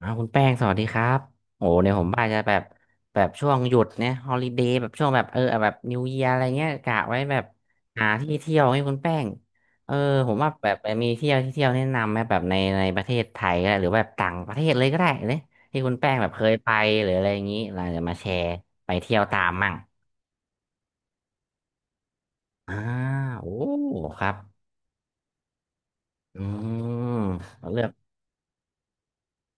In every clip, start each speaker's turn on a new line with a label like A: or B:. A: อ้าวคุณแป้งสวัสดีครับ โอ้เนี่ยผมว่าจะแบบแบบช่วงหยุดเนี่ยฮอลิเดย์แบบช่วงแบบแบบนิวเยียอะไรเงี้ยกะไว้แบบหาที่เที่ยวให้คุณแป้งเออผมว่าแบบมีเที่ยวที่เที่ยวแนะนำไหมแบบในประเทศไทยก็ได้หรือแบบต่างประเทศเลยก็ได้เลยที่คุณแป้งแบบเคยไปหรืออะไรอย่างนี้เราจะมาแชร์ไปเที่ยวตามมั่งอ่าโอ้ครับอืมเลือก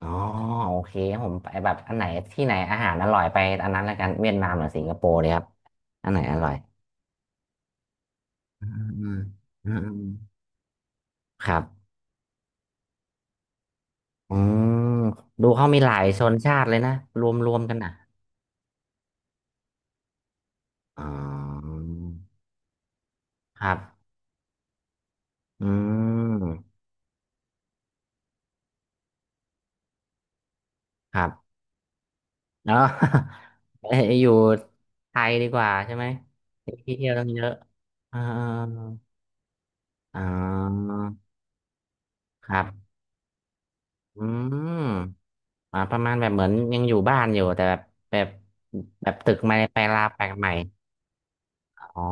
A: อ๋อโอเคครับผมไปแบบอันไหนที่ไหนอาหารอร่อยไปอันนั้นละกันเวียดนามหรือสิงคโปร์เลยครับอันไหนอร่อยอืมอืมอืมอืมครับอืมดูเขามีหลายชนชาติเลยนะรวมกันนะอ๋อครับอืมครับเนาะ เอ้ยอยู่ไทยดีกว่าใช่ไหมที่เที่ยวต้องเยอะอ่าอ่าอ่าครับอืม อ่าประมาณแบบเหมือนยังอยู่บ้านอยู่แต่แบบแบบแบบตึกไม่ไปลาไปใหม่อ๋อ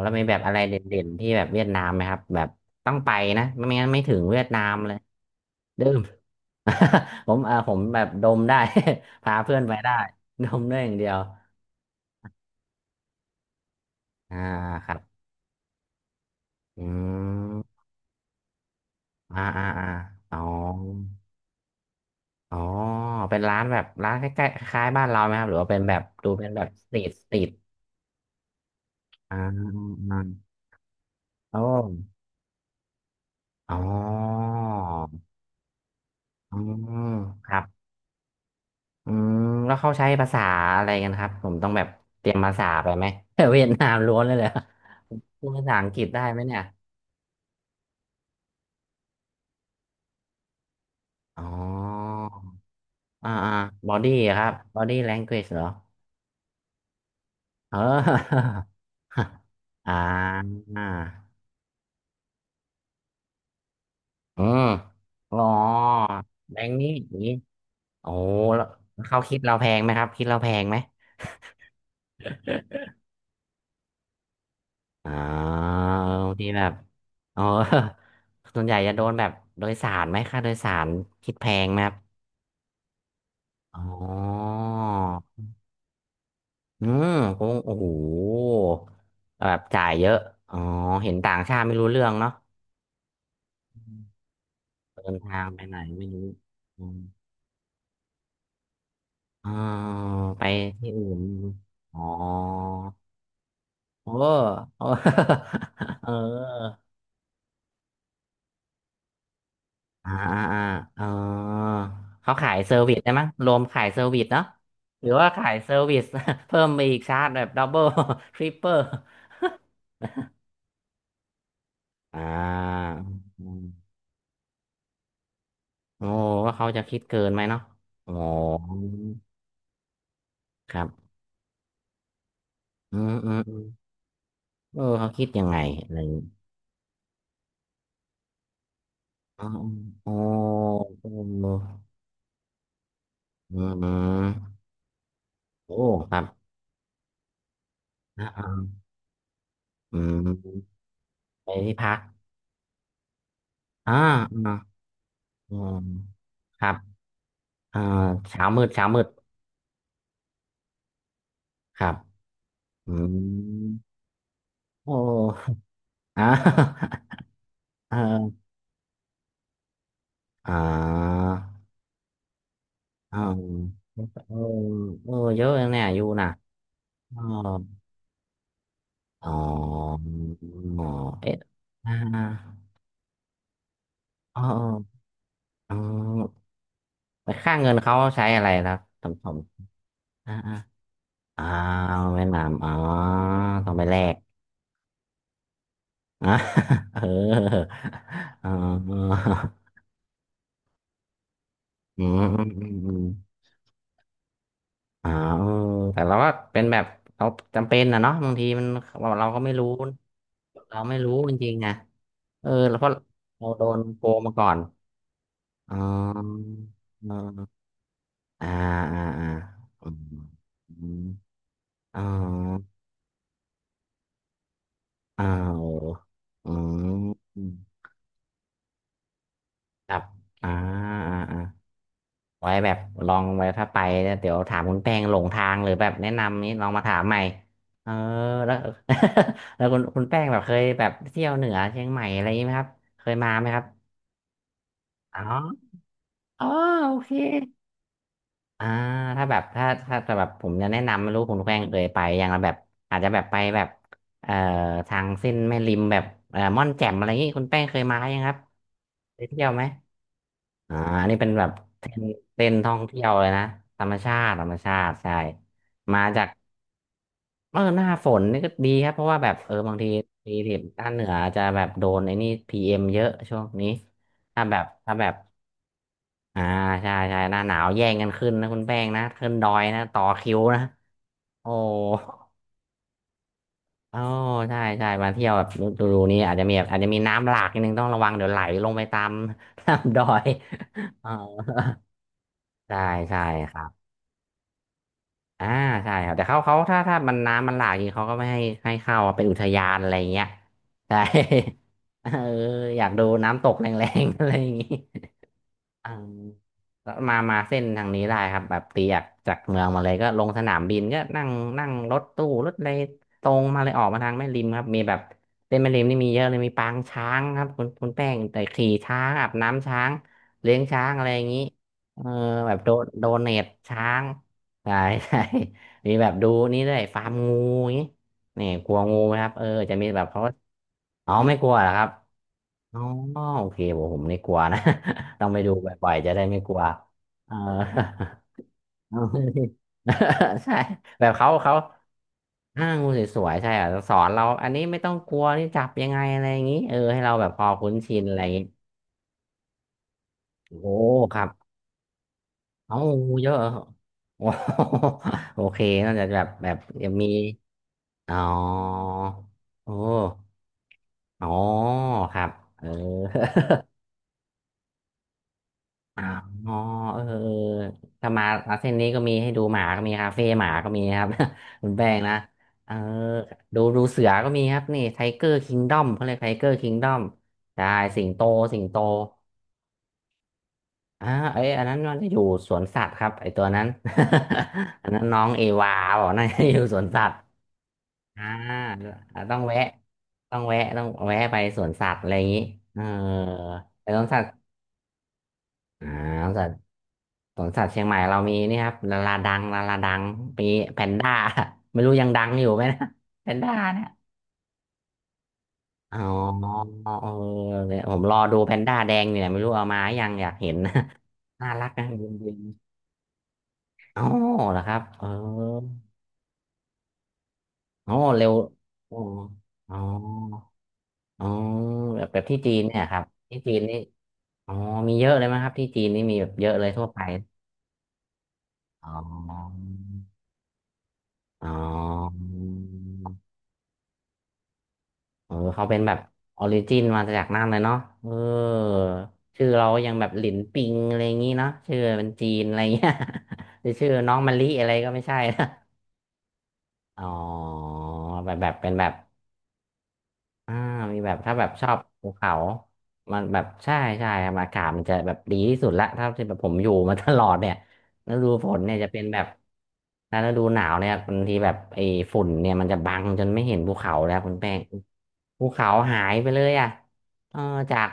A: แล้วมีแบบอะไรเด่นๆที่แบบเวียดนามไหมครับแบบต้องไปนะไม่งั้นไม่ถึงเวียดนามเลยดื่ม ผมเอ่าผมแบบดมได้ พาเพื่อนไปได้ดมได้อย่างเดียวอ่าครับอืมอ่าอ่าอ่าอ๋ออ๋อเป็นร้านแบบร้านใกล้ๆคล้ายๆบ้านเราไหมครับหรือว่าเป็นแบบดูเป็นแบบสตรีทอ่าอ่าอ่าโอ้ อ๋ออืมครับ อืมแล้วเขาใช้ภาษาอะไรกันครับผมต้องแบบเตรียมภาษาไปไหม เวียดนามล้วนเลยพูดภาษาอังกฤษได้ไหมเนี่ยอ๋ออ่าอ่าบอดี้ครับบอดี้แลง u a g e เหรอเออ อ่าอืมอ๋อแบงค์นี้อย่างนี้โอ้แล้วเขาคิดเราแพงไหมครับ คิดเราแพงไหม อ๋อที่แบบอ๋อ ส่วนใหญ่จะโดนแบบโดยสารไหมค่าโดยสารคิดแพงไหมครับอ๋ออืมคงโอ้โหแบบจ่ายเยอะอ๋อเห็นต่างชาติไม่รู้เรื่องเนาะอืมเดินทางไปไหนไม่รู้อืมอ๋อไปที่อื่นอ๋อโอ้โอ้ เออ อ่าอ่าอ่าเออเขาขายเซอร์วิสได้มั้งรวมขายเซอร์วิสเนาะหรือว่าขายเซอร์วิส เพิ่มไปอีกชาร์จแบบดับเบิลทริปเปอร์ อ่าอืมโอ้ว่าเขาจะคิดเกินไหมเนาะอ๋อครับอืมอืมอืมเออเขาคิดยังไงอะไรอย่างงี้อ๋ออ๋อโอ้อืมอืมโอ้ครับอ่าอ่าอืมไปที่พักอ่าอ่าอืมครับอ่าเช้ามืดเช้ามืด ครับอืมโอ้ อ่าเอออ่าเออเออเออเยอะเลยเนี่ยอายู่นะเอออ๋ออ๋อเอ๊ะอ่าเออเออไปค่าเงินเขาใช้อะไรครับสมผมอ่าอ่าอ่าเวียดนามอ๋อต้องไปแลก อ่าเออเอออืมอืมอืม อ่าเออแต่เราก็เป็นแบบเราจำเป็นนะเนาะบางทีมันเราก็ไม่รู้เราไม่รู้จริงๆนะเออแล้วเพราะเราโดนโกงมาก่อนอ๋อเอออ่าอ่าอ่าอืมอืมอ๋ออ้าวอืมครับอ่าอ่าอ่า ไว้แบบลองไว้ถ้าไปเนี่ยเดี๋ยวถามคุณแป้งหลงทางหรือแบบแนะนำนี้ลองมาถามใหม่เออแล้ว แล้วคุณแป้งแบบเคยแบบเที่ยวเหนือเชียงใหม่อะไรอย่างนี้ไหมครับเคยมาไหมครับอ๋ออ๋อโอเคอ่าถ้าแบบถ้าแต่แบบผมจะแนะนำไม่รู้คุณแป้งเคยไปอยางละแบบอาจจะแบบไปแบบเอ่อทางเส้นแม่ริมแบบม่อนแจ่มอะไรอย่างนี้คุณแป้งเคยมายังครับเคยเที่ยวไหม อ่าอันนี้เป็นแบบเต้นเทรนท่องเที่ยวเลยนะธรรมชาติธรรมชาติใช่ มาจากเออหน้าฝนนี่ก็ดีครับเพราะว่าแบบเออบางทีทีถิ่นด้านเหนือจะแบบโดนไอ้นี่พีเอ็มเยอะช่วงนี้ถ้าแบบอ่าใช่ใช่หน้าหนาวแย่งกันขึ้นนะคุณแป้งนะขึ้นดอยนะต่อคิวนะโอ้อ๋อใช่ใช่มาเที่ยวแบบดูนี่อาจจะมีแบบอาจจะมีน้ำหลากนิดนึงต้องระวังเดี๋ยวไหลลงไปตามดอย อ๋อใช่ใช่ครับ อ่าใช่ครับแต่เขาถ้ามันน้ำมันหลากจริงเขาก็ไม่ให้ให้เข้าเป็นอุทยานอะไรอย่างเงี้ยใช่ เอออยากดูน้ำตกแรงๆอะไรอย่างงี้ อ่าแล้วมาเส้นทางนี้ได้ครับแบบตีจากเมืองมาเลยก็ลงสนามบินก็นั่งนั่งรถตู้รถอะไรตรงมาเลยออกมาทางแม่ริมครับมีแบบเส้นแม่ริมนี่มีเยอะเลยมีปางช้างครับคุณแป้งแต่ขี่ช้างอาบน้ำช้างเลี้ยงช้างอะไรอย่างนี้เออแบบโดเนทช้างใช่ ใช่มีแบบดูนี่ด้วยฟาร์มงูอย่างนี้นี่กลัวงูไหมครับเออจะมีแบบเขาอ๋อไม่กลัวเหรอครับ อ๋อโอเคผมนี่กลัวนะ ต้องไปดูบ่อยๆจะได้ไม่กลัวเออ ใช่แบบเขาอ้างูสวยๆใช่อ่ะสอนเราอันนี้ไม่ต้องกลัวนี่จับยังไงอะไรอย่างนี้เออให้เราแบบพอคุ้นชินอะไรอย่างงี้โอ้ครับเอางูเยอะเหรอโอ้โห โอเคน่าจะแบบยังมีอ๋อโอ้อ๋อครับเออ อ๋อเออเออถ้ามาเส้นนี้ก็มีให้ดูหมาก็มีคาเฟ่หมาก็มีครับ คุณแป้งนะเออดูดูเสือก็มีครับนี่ไทเกอร์คิงดอมเขาเรียกไทเกอร์คิงดอมใช่สิงโตสิงโตอ่าเอ้ยอันนั้นมันจะอยู่สวนสัตว์ครับไอตัวนั้น อันนั้นน้องเอวาบอกน่ะ อยู่สวนสัตว์อ่าอ่าต้องแวะต้องแวะไปสวนสัตว์อะไรอย่างนี้เออไปสวนสัตว์ อ่าสวนสัต่สวนสัตว์เชียงใหม่เรามีนี่ครับลาลาดังลาลาดังมีแพนด้า ไม่รู้ยังดังอยู่ไหมนะแพนด้าเนี่ยอ๋อเออเนี่ยผมรอดูแพนด้าแดงเนี่ยไม่รู้เอามายังอยากเห็น น่ารักนะเย็นเอ๋อเหรอครับเออเร็วอ๋ออ๋ออ๋อแบบที่จีนเนี่ยครับที่จีนนี่อ๋อมีเยอะเลยไหมครับที่จีนนี่มีแบบเยอะเลยทั่วไปอ๋ออ๋อ เออเขาเป็นแบบออริจินมาจากนั่นเลยเนาะเออชื่อเรายังแบบหลินปิงอะไรอย่างงี้เนาะชื่อเป็นจีนอะไรเงี้ย หรือชื่อน้องมะลิอะไรก็ไม่ใช่นะอ๋อแบบเป็นแบบ อ่ามีแบบถ้าแบบชอบภูเขา มันแบบใช่ใช่ครับอากาศมันจะแบบดีที่สุดละถ้าที่แบบผมอยู่มา ตลอดเนี่ยฤดูฝนเนี่ยจะเป็นแบบถ้าฤดูหนาวเนี่ยบางทีแบบไอ้ฝุ่นเนี่ยมันจะบังจนไม่เห็นภูเขาแล้วคุณแป้งภูเขาหายไปเลยอ่ะเออจาก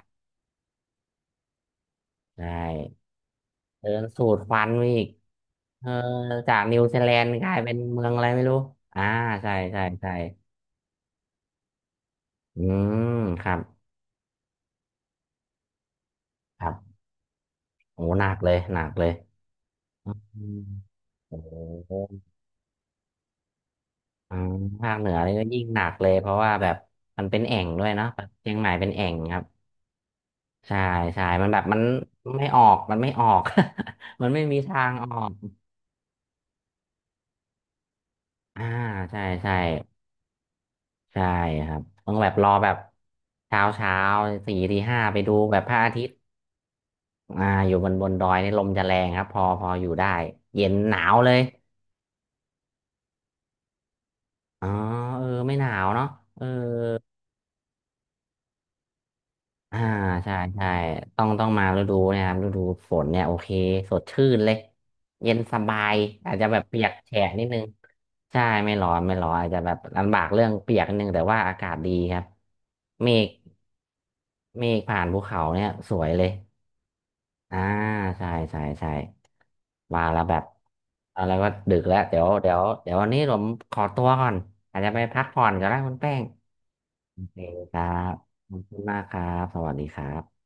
A: ใช่เดินสูดควันไปอีกเออจากนิวซีแลนด์กลายเป็นเมืองอะไรไม่รู้อ่าใช่ใช่ใช่อืมครับครับโอ้หนักเลยหนักเลย อืมโอ้โหอ่าภาคเหนือนี่ก็ยิ่งหนักเลยเพราะว่าแบบมันเป็นแอ่งด้วยเนาะแบบเชียงใหม่เป็นแอ่งครับใช่ใช่มันแบบมันไม่ออกมันไม่ออก มันไม่มีทางออกอ่าใช่ใช่ใช่ครับต้องแบบรอแบบเช้าเช้าสี่ทีห้าไปดูแบบพระอาทิตย์อ่าอยู่บนดอยนี่ลมจะแรงครับพออยู่ได้เย็นหนาวเลยอ๋อเออไม่หนาวเนาะเออ อ่าใช่ใช่ต้องมาฤดูเนะครับฤดูฝนเนี่ยโอเคสดชื่นเลยเย็นสบายอาจจะแบบเปียกแฉะนิดนึงใช่ไม่ร้อนไม่ร้อนอาจจะแบบลำบากเรื่องเปียกนิดนึงแต่ว่าอากาศดีครับเมฆเมฆผ่านภูเขาเนี่ยสวยเลยอ่าใช่ใช่ใช่มาแล้วแบบเอาแล้วก็ดึกแล้วเดี๋ยววันนี้ผมขอตัวก่อนอาจจะไปพักผ่อนก็ได้คุณแป้งโอเคครับขอบคุณมากครับสวัสดีครับ